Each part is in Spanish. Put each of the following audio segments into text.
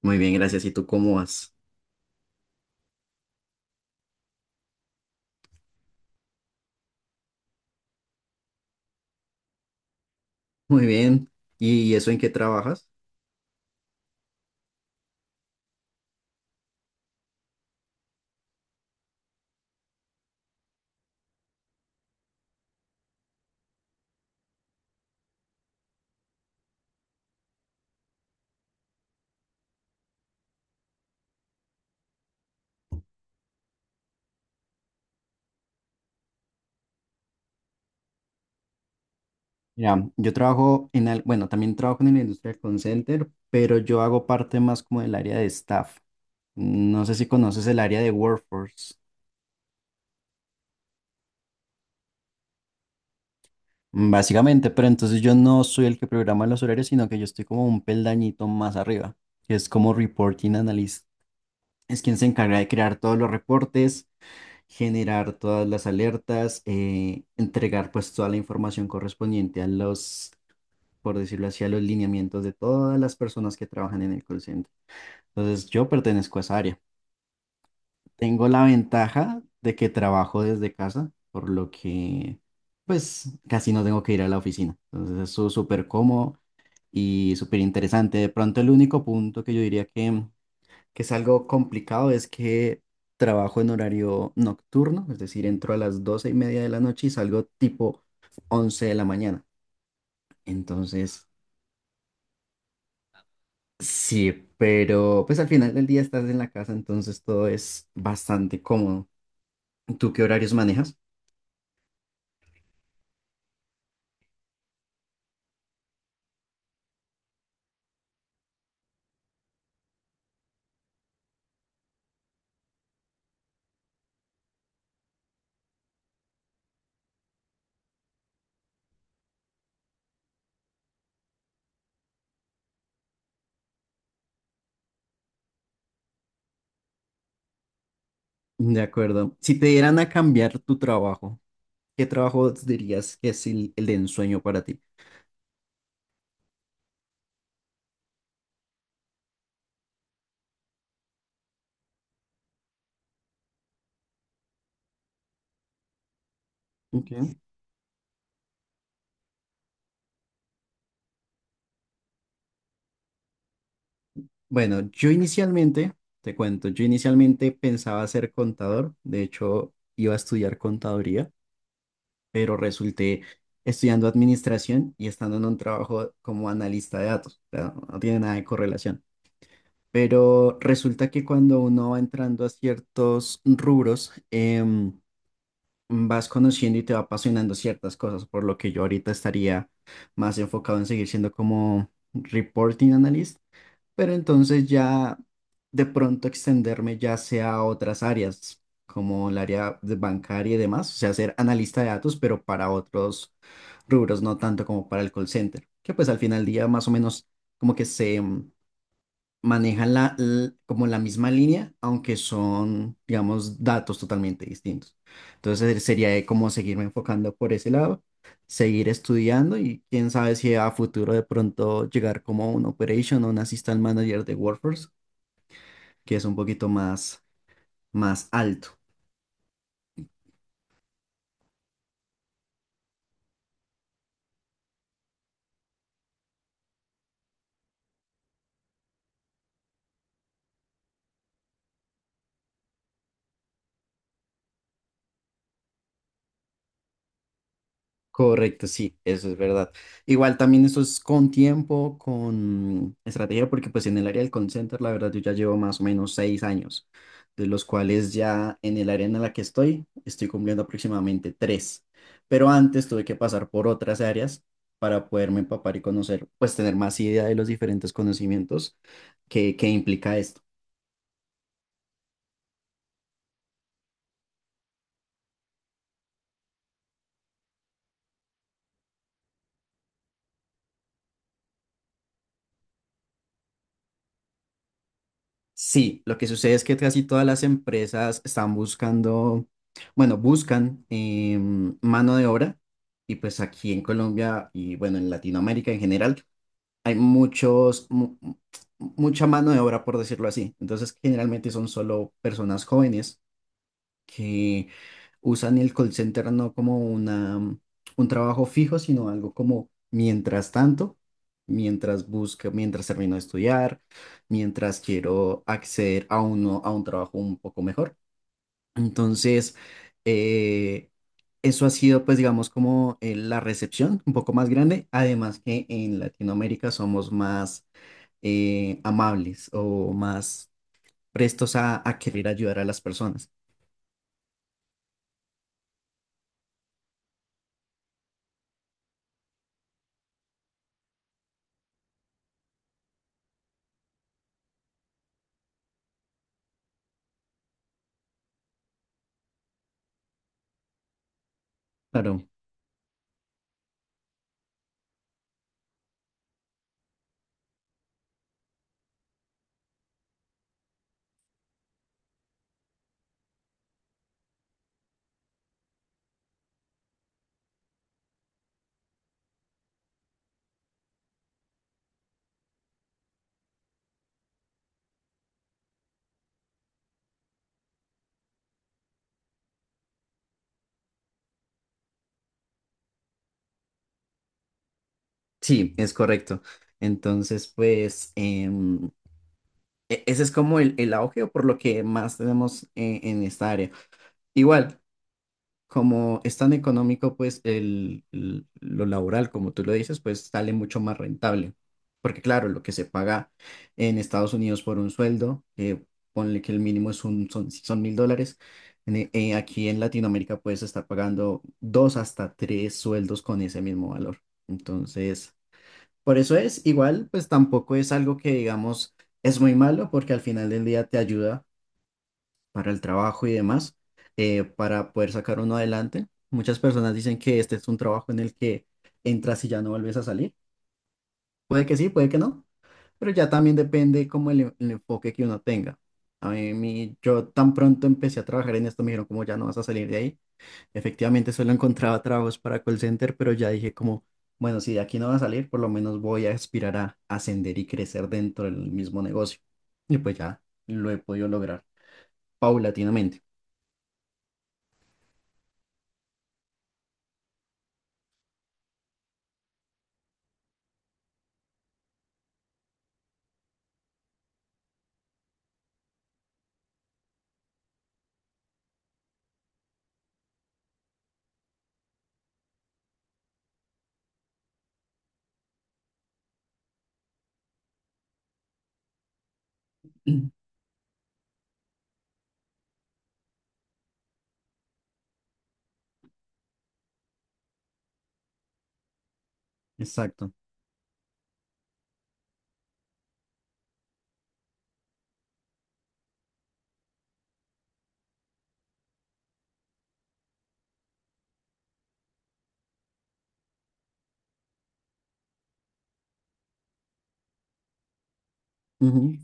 Muy bien, gracias. ¿Y tú cómo vas? Muy bien. ¿Y eso en qué trabajas? Mira, yo trabajo en, bueno, también trabajo en la industria del call center, pero yo hago parte más como del área de staff. No sé si conoces el área de workforce, básicamente, pero entonces yo no soy el que programa los horarios, sino que yo estoy como un peldañito más arriba, que es como reporting analyst. Es quien se encarga de crear todos los reportes, generar todas las alertas, entregar pues toda la información correspondiente a los por decirlo así, a los lineamientos de todas las personas que trabajan en el call center. Entonces, yo pertenezco a esa área. Tengo la ventaja de que trabajo desde casa, por lo que, pues, casi no tengo que ir a la oficina. Entonces, eso es súper cómodo y súper interesante. De pronto, el único punto que yo diría que es algo complicado es que trabajo en horario nocturno, es decir, entro a las 12:30 de la noche y salgo tipo 11 de la mañana. Entonces, sí, pero pues al final del día estás en la casa, entonces todo es bastante cómodo. ¿Tú qué horarios manejas? De acuerdo. Si te dieran a cambiar tu trabajo, ¿qué trabajo dirías que es el de ensueño para ti? Ok. Bueno, yo inicialmente, te cuento, yo inicialmente pensaba ser contador, de hecho iba a estudiar contaduría, pero resulté estudiando administración y estando en un trabajo como analista de datos, o sea, no tiene nada de correlación. Pero resulta que cuando uno va entrando a ciertos rubros, vas conociendo y te va apasionando ciertas cosas, por lo que yo ahorita estaría más enfocado en seguir siendo como reporting analyst, pero entonces ya de pronto extenderme ya sea a otras áreas, como el área de bancaria y demás, o sea, ser analista de datos, pero para otros rubros, no tanto como para el call center, que pues al final del día más o menos como que se manejan como la misma línea, aunque son, digamos, datos totalmente distintos. Entonces sería como seguirme enfocando por ese lado, seguir estudiando y quién sabe si a futuro de pronto llegar como un operation o un assistant manager de WordPress, que es un poquito más, más alto. Correcto, sí, eso es verdad. Igual también eso es con tiempo, con estrategia, porque pues en el área del call center, la verdad, yo ya llevo más o menos 6 años, de los cuales ya en el área en la que estoy, estoy cumpliendo aproximadamente tres. Pero antes tuve que pasar por otras áreas para poderme empapar y conocer, pues tener más idea de los diferentes conocimientos que implica esto. Sí, lo que sucede es que casi todas las empresas están buscando, bueno, buscan mano de obra y pues aquí en Colombia y bueno, en Latinoamérica en general hay mucha mano de obra por decirlo así. Entonces generalmente son solo personas jóvenes que usan el call center no como un trabajo fijo, sino algo como mientras tanto, mientras busco, mientras termino de estudiar, mientras quiero acceder a uno, a un trabajo un poco mejor. Entonces, eh, eso ha sido, pues, digamos, como la recepción un poco más grande. Además que en Latinoamérica somos más amables o más prestos a querer ayudar a las personas. Claro. Sí, es correcto. Entonces, pues, em, ese es como el, auge o por lo que más tenemos en esta área. Igual, como es tan económico, pues, lo laboral, como tú lo dices, pues sale mucho más rentable. Porque claro, lo que se paga en Estados Unidos por un sueldo, ponle que el mínimo es son $1,000. Aquí en Latinoamérica puedes estar pagando dos hasta tres sueldos con ese mismo valor. Entonces. Por eso es, igual, pues tampoco es algo que digamos es muy malo porque al final del día te ayuda para el trabajo y demás, para poder sacar uno adelante. Muchas personas dicen que este es un trabajo en el que entras y ya no vuelves a salir. Puede que sí, puede que no, pero ya también depende como el enfoque que uno tenga. A mí, yo tan pronto empecé a trabajar en esto, me dijeron como ya no vas a salir de ahí. Efectivamente, solo encontraba trabajos para call center, pero ya dije como, bueno, si de aquí no va a salir, por lo menos voy a aspirar a ascender y crecer dentro del mismo negocio. Y pues ya lo he podido lograr paulatinamente. Exacto. Ujú.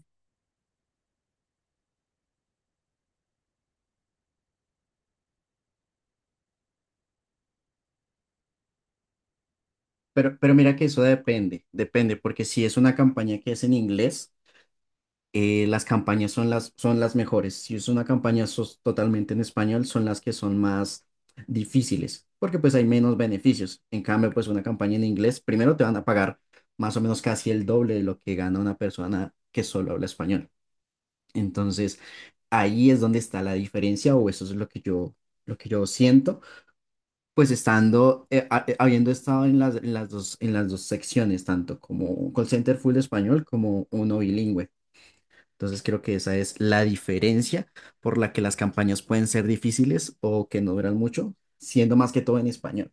Pero mira que eso depende, depende, porque si es una campaña que es en inglés, las campañas son son las mejores. Si es una campaña totalmente en español, son las que son más difíciles, porque pues hay menos beneficios. En cambio, pues una campaña en inglés, primero te van a pagar más o menos casi el doble de lo que gana una persona que solo habla español. Entonces, ahí es donde está la diferencia, o eso es lo que yo siento, pues estando, habiendo estado en en las dos secciones, tanto como call center full español como uno bilingüe. Entonces creo que esa es la diferencia por la que las campañas pueden ser difíciles o que no duran mucho, siendo más que todo en español.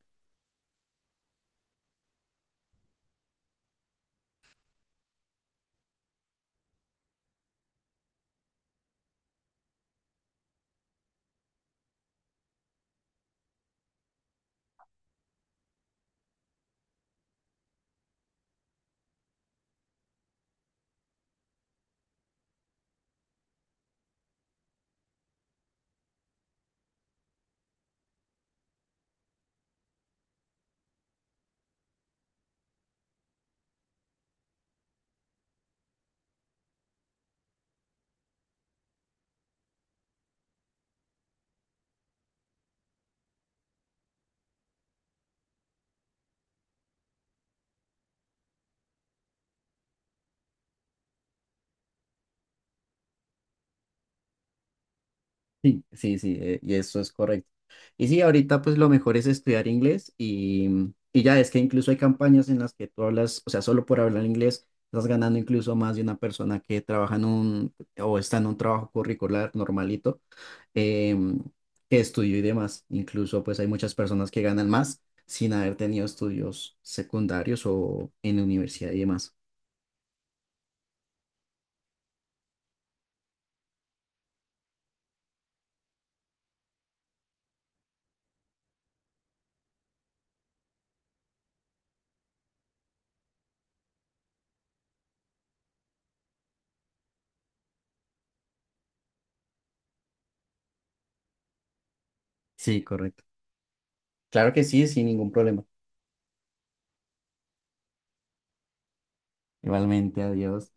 Sí, sí, sí, y eso es correcto. Y sí, ahorita pues lo mejor es estudiar inglés y ya es que incluso hay campañas en las que tú hablas, o sea, solo por hablar inglés estás ganando incluso más de una persona que trabaja en un o está en un trabajo curricular normalito em, que estudió y demás. Incluso pues hay muchas personas que ganan más sin haber tenido estudios secundarios o en universidad y demás. Sí, correcto. Claro que sí, sin ningún problema. Igualmente, adiós.